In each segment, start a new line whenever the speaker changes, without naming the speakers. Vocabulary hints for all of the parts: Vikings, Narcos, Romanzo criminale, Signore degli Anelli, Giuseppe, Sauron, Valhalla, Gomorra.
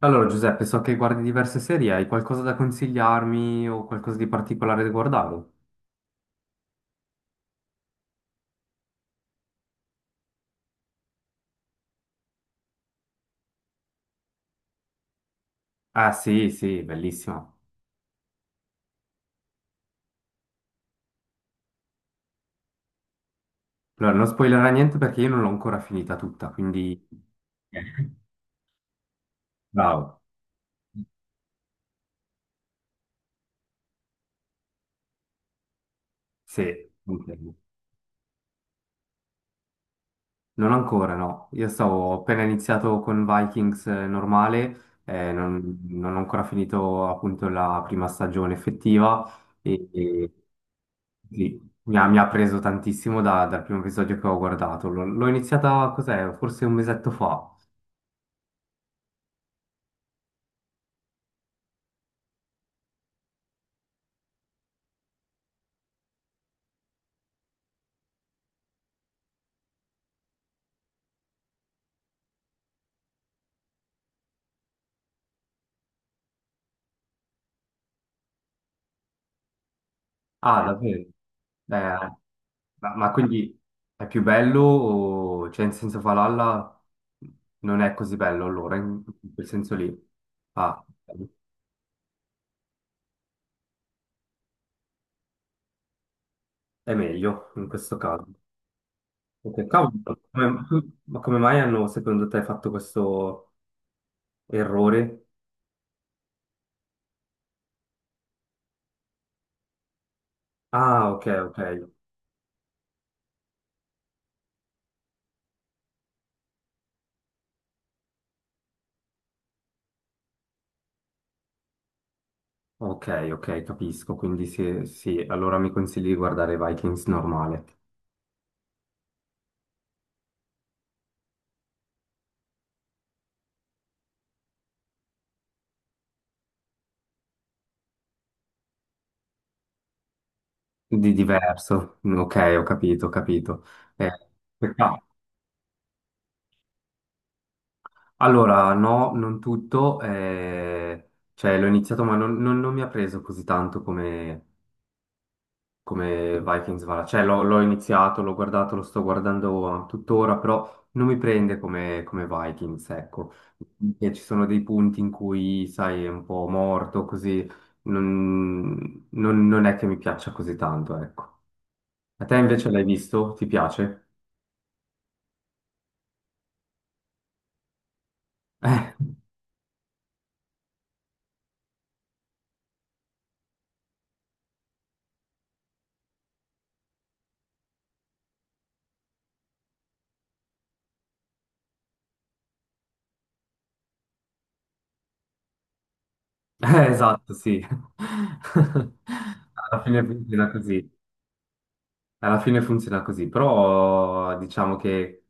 Allora, Giuseppe, so che guardi diverse serie, hai qualcosa da consigliarmi o qualcosa di particolare da guardare? Ah, sì, sì, bellissima. Allora, non spoilerà niente perché io non l'ho ancora finita tutta, quindi... Bravo. Sì, confermo. Non ancora, no. Io stavo ho appena iniziato con Vikings normale, non ho ancora finito appunto la prima stagione effettiva e, lì. Mi ha preso tantissimo dal primo episodio che ho guardato. L'ho iniziata, cos'è? Forse un mesetto fa. Davvero? Ma quindi è più bello o cioè in senso Valhalla non è così bello allora, in, in quel senso lì. Ah, è meglio in questo caso. Ok, cavolo, ma come mai hanno secondo te fatto questo errore? Ah, ok, ok. Ok, ok, capisco. Quindi sì, sì, allora mi consigli di guardare Vikings normale. Di diverso. Ok, ho capito, ho capito. Eh, peccato. Allora, no, non tutto. Cioè, l'ho iniziato, ma non mi ha preso così tanto come, come Vikings Valhalla. Cioè, l'ho iniziato, l'ho guardato, lo sto guardando tuttora, però non mi prende come, come Vikings, ecco. E ci sono dei punti in cui, sai, è un po' morto, così non è che mi piaccia così tanto, ecco. A te invece l'hai visto? Ti piace? Esatto, sì. Alla fine funziona così. Alla fine funziona così, però diciamo che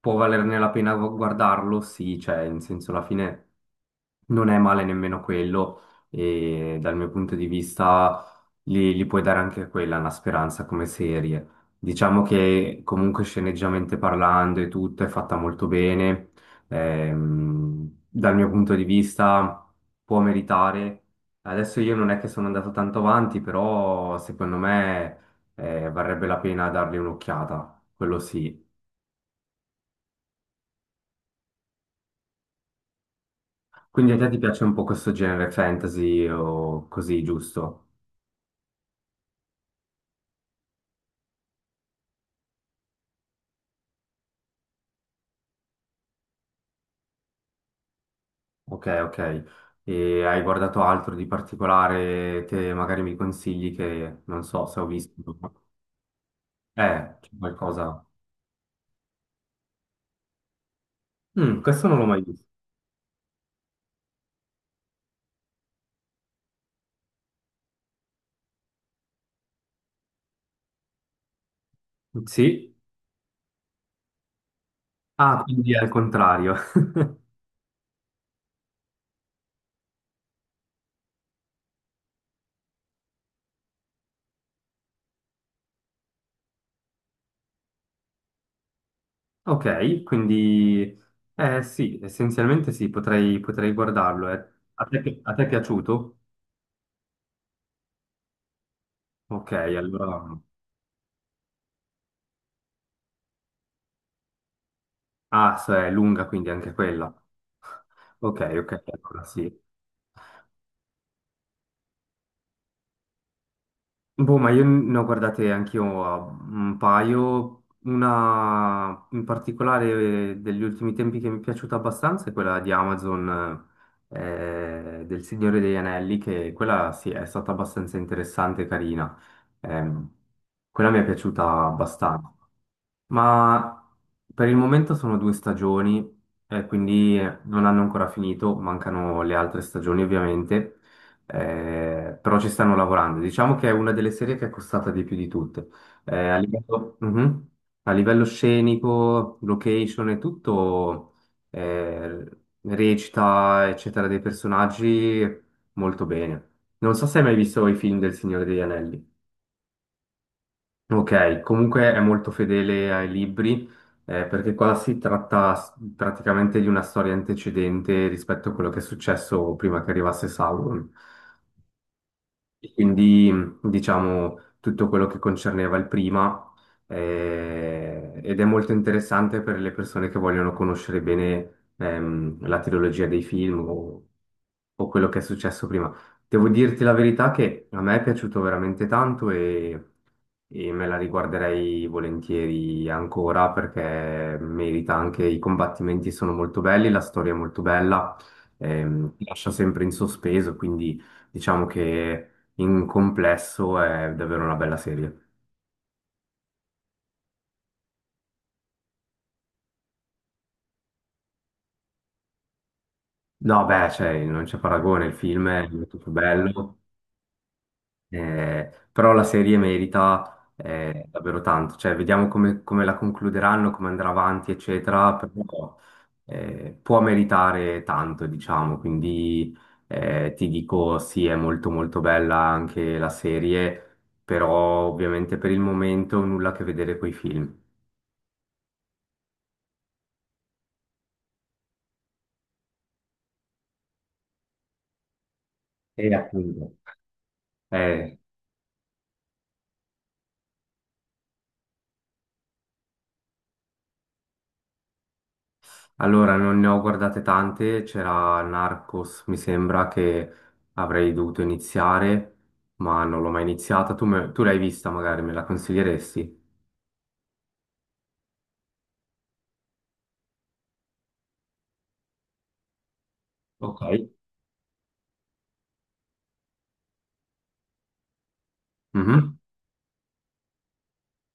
può valerne la pena guardarlo, sì, cioè, in senso, alla fine non è male nemmeno quello e dal mio punto di vista li, li puoi dare anche quella una speranza come serie. Diciamo che comunque sceneggiamente parlando e tutto è fatta molto bene. Dal mio punto di vista può meritare. Adesso io non è che sono andato tanto avanti, però secondo me varrebbe la pena dargli un'occhiata, quello sì. Quindi a te ti piace un po' questo genere fantasy o così, giusto? Ok, ok. E hai guardato altro di particolare che magari mi consigli che non so se ho visto? No? C'è qualcosa. Mm, questo non l'ho mai visto. Sì. Ah, quindi è al contrario. Ok, quindi eh sì, essenzialmente sì, potrei, potrei guardarlo. A te, a te è piaciuto? Ok, allora. Ah, se è lunga quindi anche quella. Ok, ok, allora sì. Boh, ma io ne ho guardate anch'io un paio. Una in particolare degli ultimi tempi che mi è piaciuta abbastanza è quella di Amazon, del Signore degli Anelli, che quella sì è stata abbastanza interessante e carina. Ehm, Quella mi è piaciuta abbastanza. Ma per il momento sono due stagioni, quindi non hanno ancora finito, mancano le altre stagioni ovviamente, però ci stanno lavorando. Diciamo che è una delle serie che è costata di più di tutte. A livello, mhm. A livello scenico, location e tutto, eh, recita, eccetera, dei personaggi molto bene. Non so se hai mai visto i film del Signore degli Anelli. Ok, comunque è molto fedele ai libri, perché qua si tratta praticamente di una storia antecedente rispetto a quello che è successo prima che arrivasse Sauron. E quindi, diciamo, tutto quello che concerneva il prima, ed è molto interessante per le persone che vogliono conoscere bene, la trilogia dei film o quello che è successo prima. Devo dirti la verità che a me è piaciuto veramente tanto e me la riguarderei volentieri ancora perché merita, anche i combattimenti sono molto belli, la storia è molto bella, ti lascia sempre in sospeso, quindi diciamo che in complesso è davvero una bella serie. No, beh, cioè, non c'è paragone, il film è molto più bello, però la serie merita davvero tanto. Cioè, vediamo come, come la concluderanno, come andrà avanti, eccetera, però può meritare tanto, diciamo. Quindi ti dico, sì, è molto molto bella anche la serie, però ovviamente per il momento nulla a che vedere coi film. E appunto. Eh, Allora, non ne ho guardate tante, c'era Narcos, mi sembra che avrei dovuto iniziare, ma non l'ho mai iniziata. Tu, tu l'hai vista, magari me la consiglieresti? Ok. Mhm.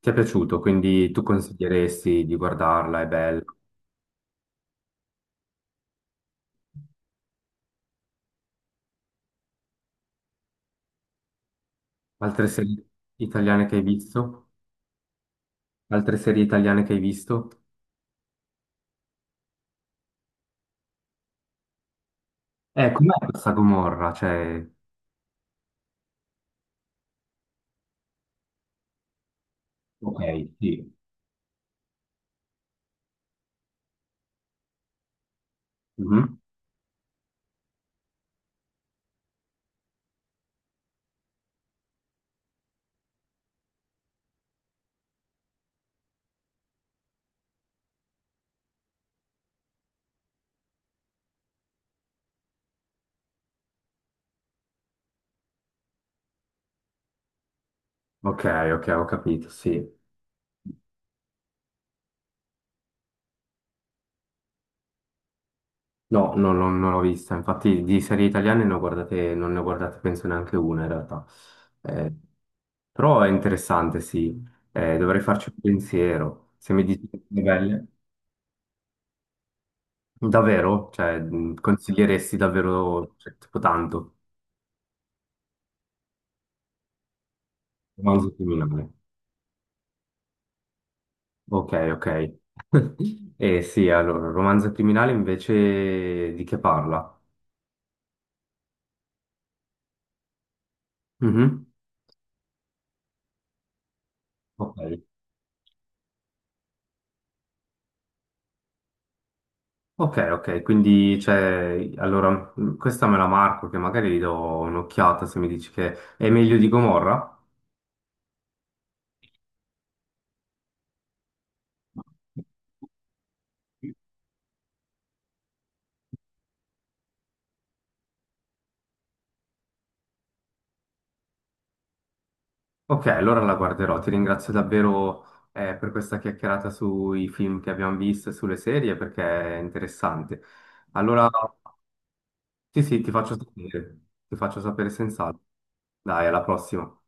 Ti è piaciuto, quindi tu consiglieresti di guardarla, è bella. Altre serie italiane che hai visto? Altre serie italiane che hai visto? Com'è questa Gomorra? Cioè... Ok, sì. Mhm. Ok, ok, ho capito, sì. No, no, no, non l'ho vista. Infatti di serie italiane ne ho guardate, non ne ho guardate penso neanche una in realtà. Eh, Però è interessante, sì. Dovrei farci un pensiero. Se mi dici che sono belle, davvero? Cioè, consiglieresti davvero, cioè, tipo tanto, romanzo criminale. Ok, ok. Eh sì, allora, romanzo criminale invece di che parla? Mhm. Ok. Ok, ok, quindi cioè, allora questa me la marco che magari gli do un'occhiata se mi dici che è meglio di Gomorra. Ok, allora la guarderò. Ti ringrazio davvero per questa chiacchierata sui film che abbiamo visto e sulle serie perché è interessante. Allora, sì, sì, ti faccio sapere senz'altro. Dai, alla prossima.